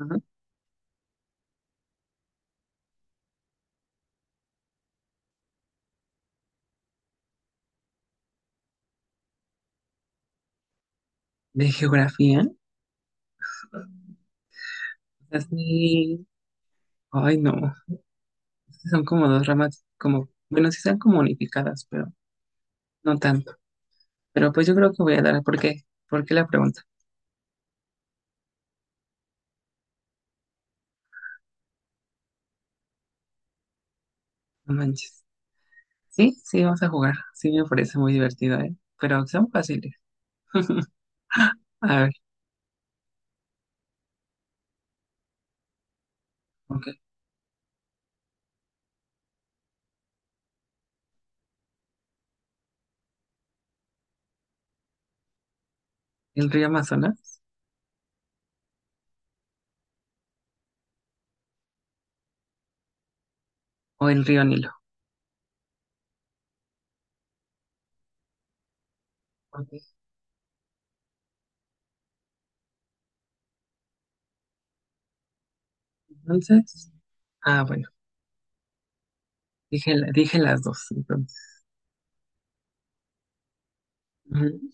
Ajá. De geografía, así, ay no, sí son como dos ramas, como, bueno, sí están como unificadas, pero no tanto. Pero pues yo creo que voy a dar, ¿por qué? ¿Por qué la pregunta? No manches. Sí, sí, vamos a jugar. Sí, me parece muy divertido, ¿eh? Pero son fáciles. A ver, ok. ¿El río Amazonas o el río Nilo? Ok, entonces, bueno, dije, dije las dos, entonces. Ujú.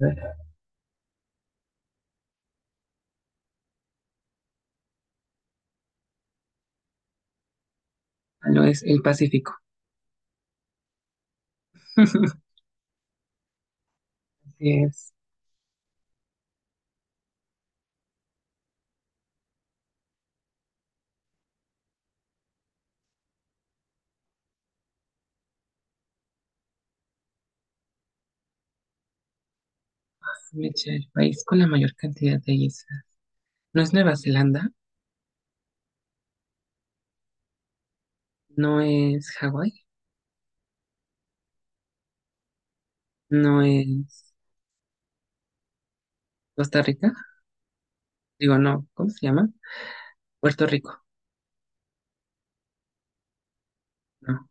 A ver, no es el Pacífico. Así es. Mecha, el país con la mayor cantidad de hielo. No es Nueva Zelanda, no es Hawái, no es Costa Rica, digo, no, ¿cómo se llama? Puerto Rico, no,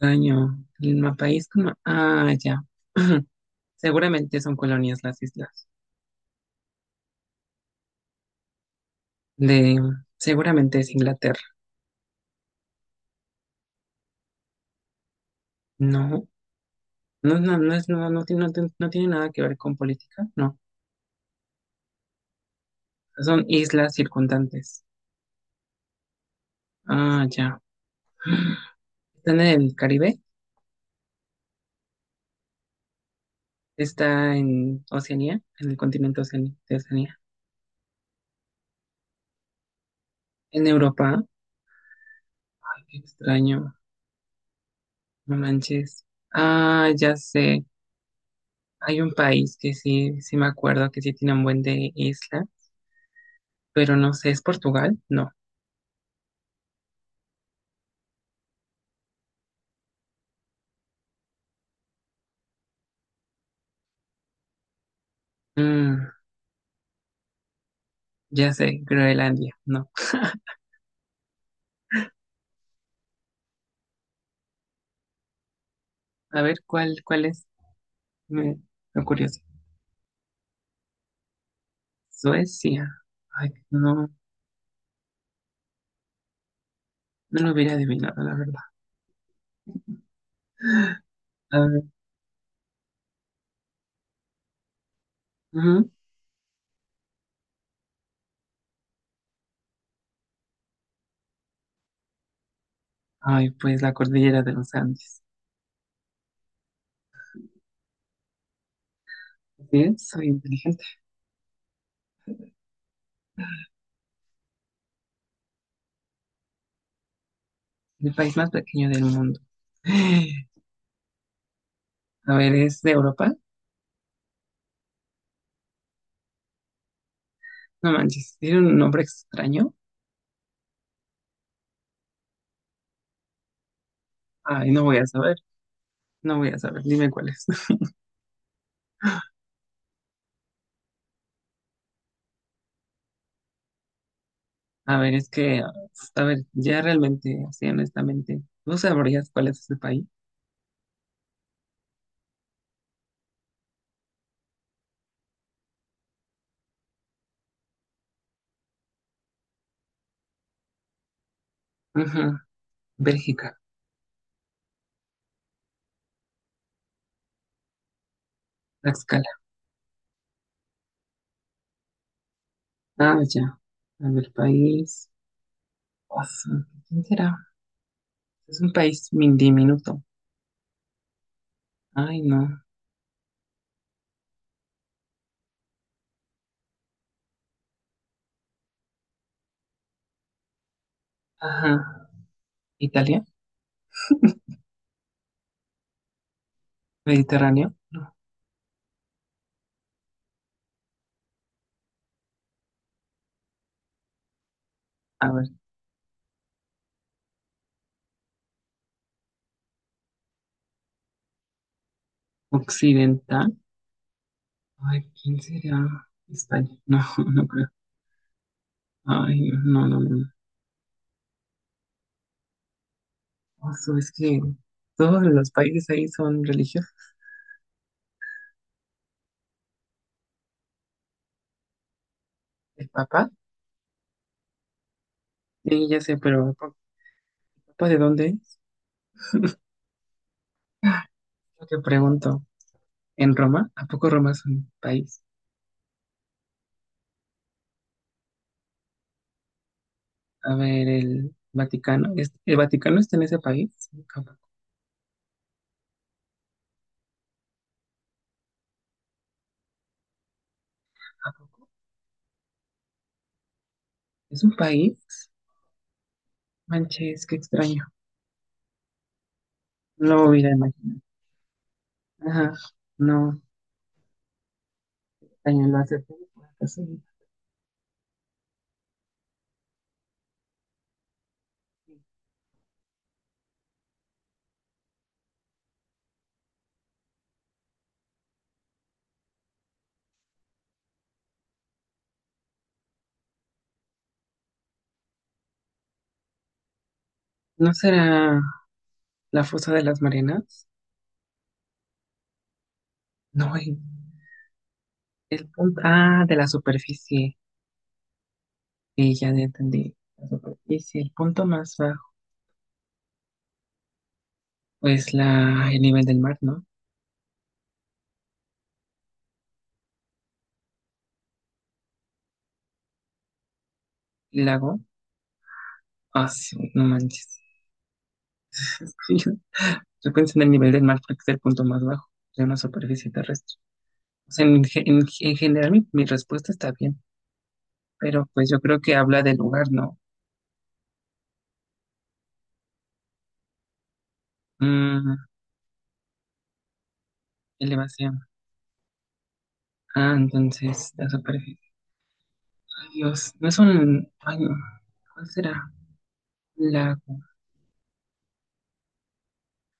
año, país como, ya, seguramente son colonias las islas, de, seguramente es Inglaterra, no, no, no, no es, no, no, no, tiene no tiene nada que ver con política, no, son islas circundantes, ah, ya, están en el Caribe, está en Oceanía, en el continente de Oceanía, en Europa, qué extraño. No manches. Ah, ya sé. Hay un país que sí, sí me acuerdo que sí tiene un buen de isla, pero no sé, ¿es Portugal? No. Mm, ya sé, Groenlandia, no. A ver, ¿cuál es? Me, lo curioso. Suecia. Ay, no, no lo hubiera adivinado, la verdad. A ver, ujú. Ay, pues la cordillera de los Andes. Bien, soy inteligente. El país más pequeño del mundo. A ver, ¿es de Europa? No manches, tiene un nombre extraño. Ay, no voy a saber. No voy a saber, dime cuáles. A ver, es que, a ver, ya realmente, así honestamente, ¿no sabrías cuál es ese país? Ajá, Bélgica, Tlaxcala. Ah, ya. A ver, país. Oso, ¿quién será? Es un país diminuto. Ay, no. Ajá. ¿Italia? ¿Mediterráneo? No. A ver, occidental. Ay, ¿quién será? España. No, no creo. Ay, no, no, no. Oso, es que todos los países ahí son religiosos. ¿El Papa? Sí, ya sé, pero ¿a ¿papá de dónde es? Yo te pregunto, ¿en Roma? ¿A poco Roma es un país? A ver, el Vaticano, ¿el Vaticano está en ese país? Sí, cabrón. ¿Es un país? Manches, qué extraño. No lo hubiera imaginado. Ajá, no, extraño, lo acepté por acaso. ¿No será la fosa de las Marianas? No, el punto, de la superficie. Sí, ya entendí. La superficie, el punto más bajo es el nivel del mar, ¿no? El lago. Ah, sí, no manches. Es que yo pensé en el nivel del mar porque es el punto más bajo de una superficie terrestre. O sea, en general mi respuesta está bien, pero pues yo creo que habla del lugar, ¿no? Mm, elevación. Ah, entonces la superficie. Ay, Dios, no es un... Ay, no. ¿Cuál será? Lago.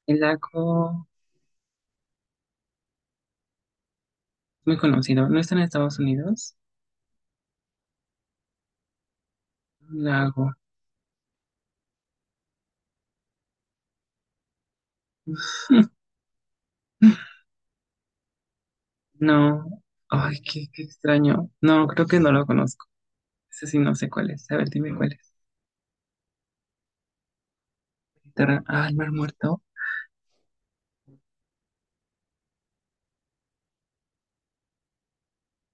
El lago es muy conocido. ¿No está en Estados Unidos? Un lago. No. Ay, qué extraño. No, creo que no lo conozco. Ese sí no sé cuál es. A ver, dime cuál es. Ah, el mar muerto.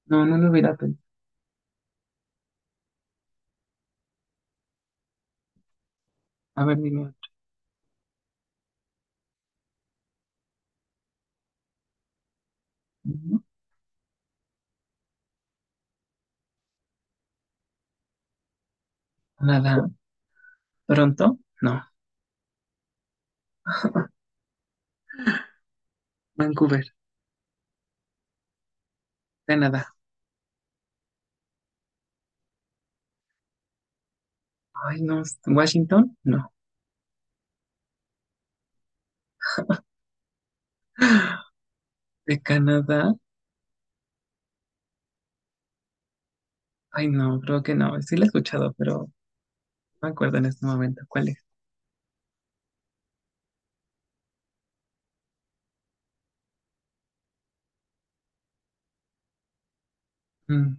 No, no lo hubiera pensado. A ver, dime otro. No, nada. ¿Toronto? No. Vancouver, Canadá. Ay, no. ¿Washington? No. ¿De Canadá? Ay, no, creo que no. Sí lo he escuchado, pero no me acuerdo en este momento cuál es. Mm,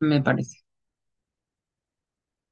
me parece.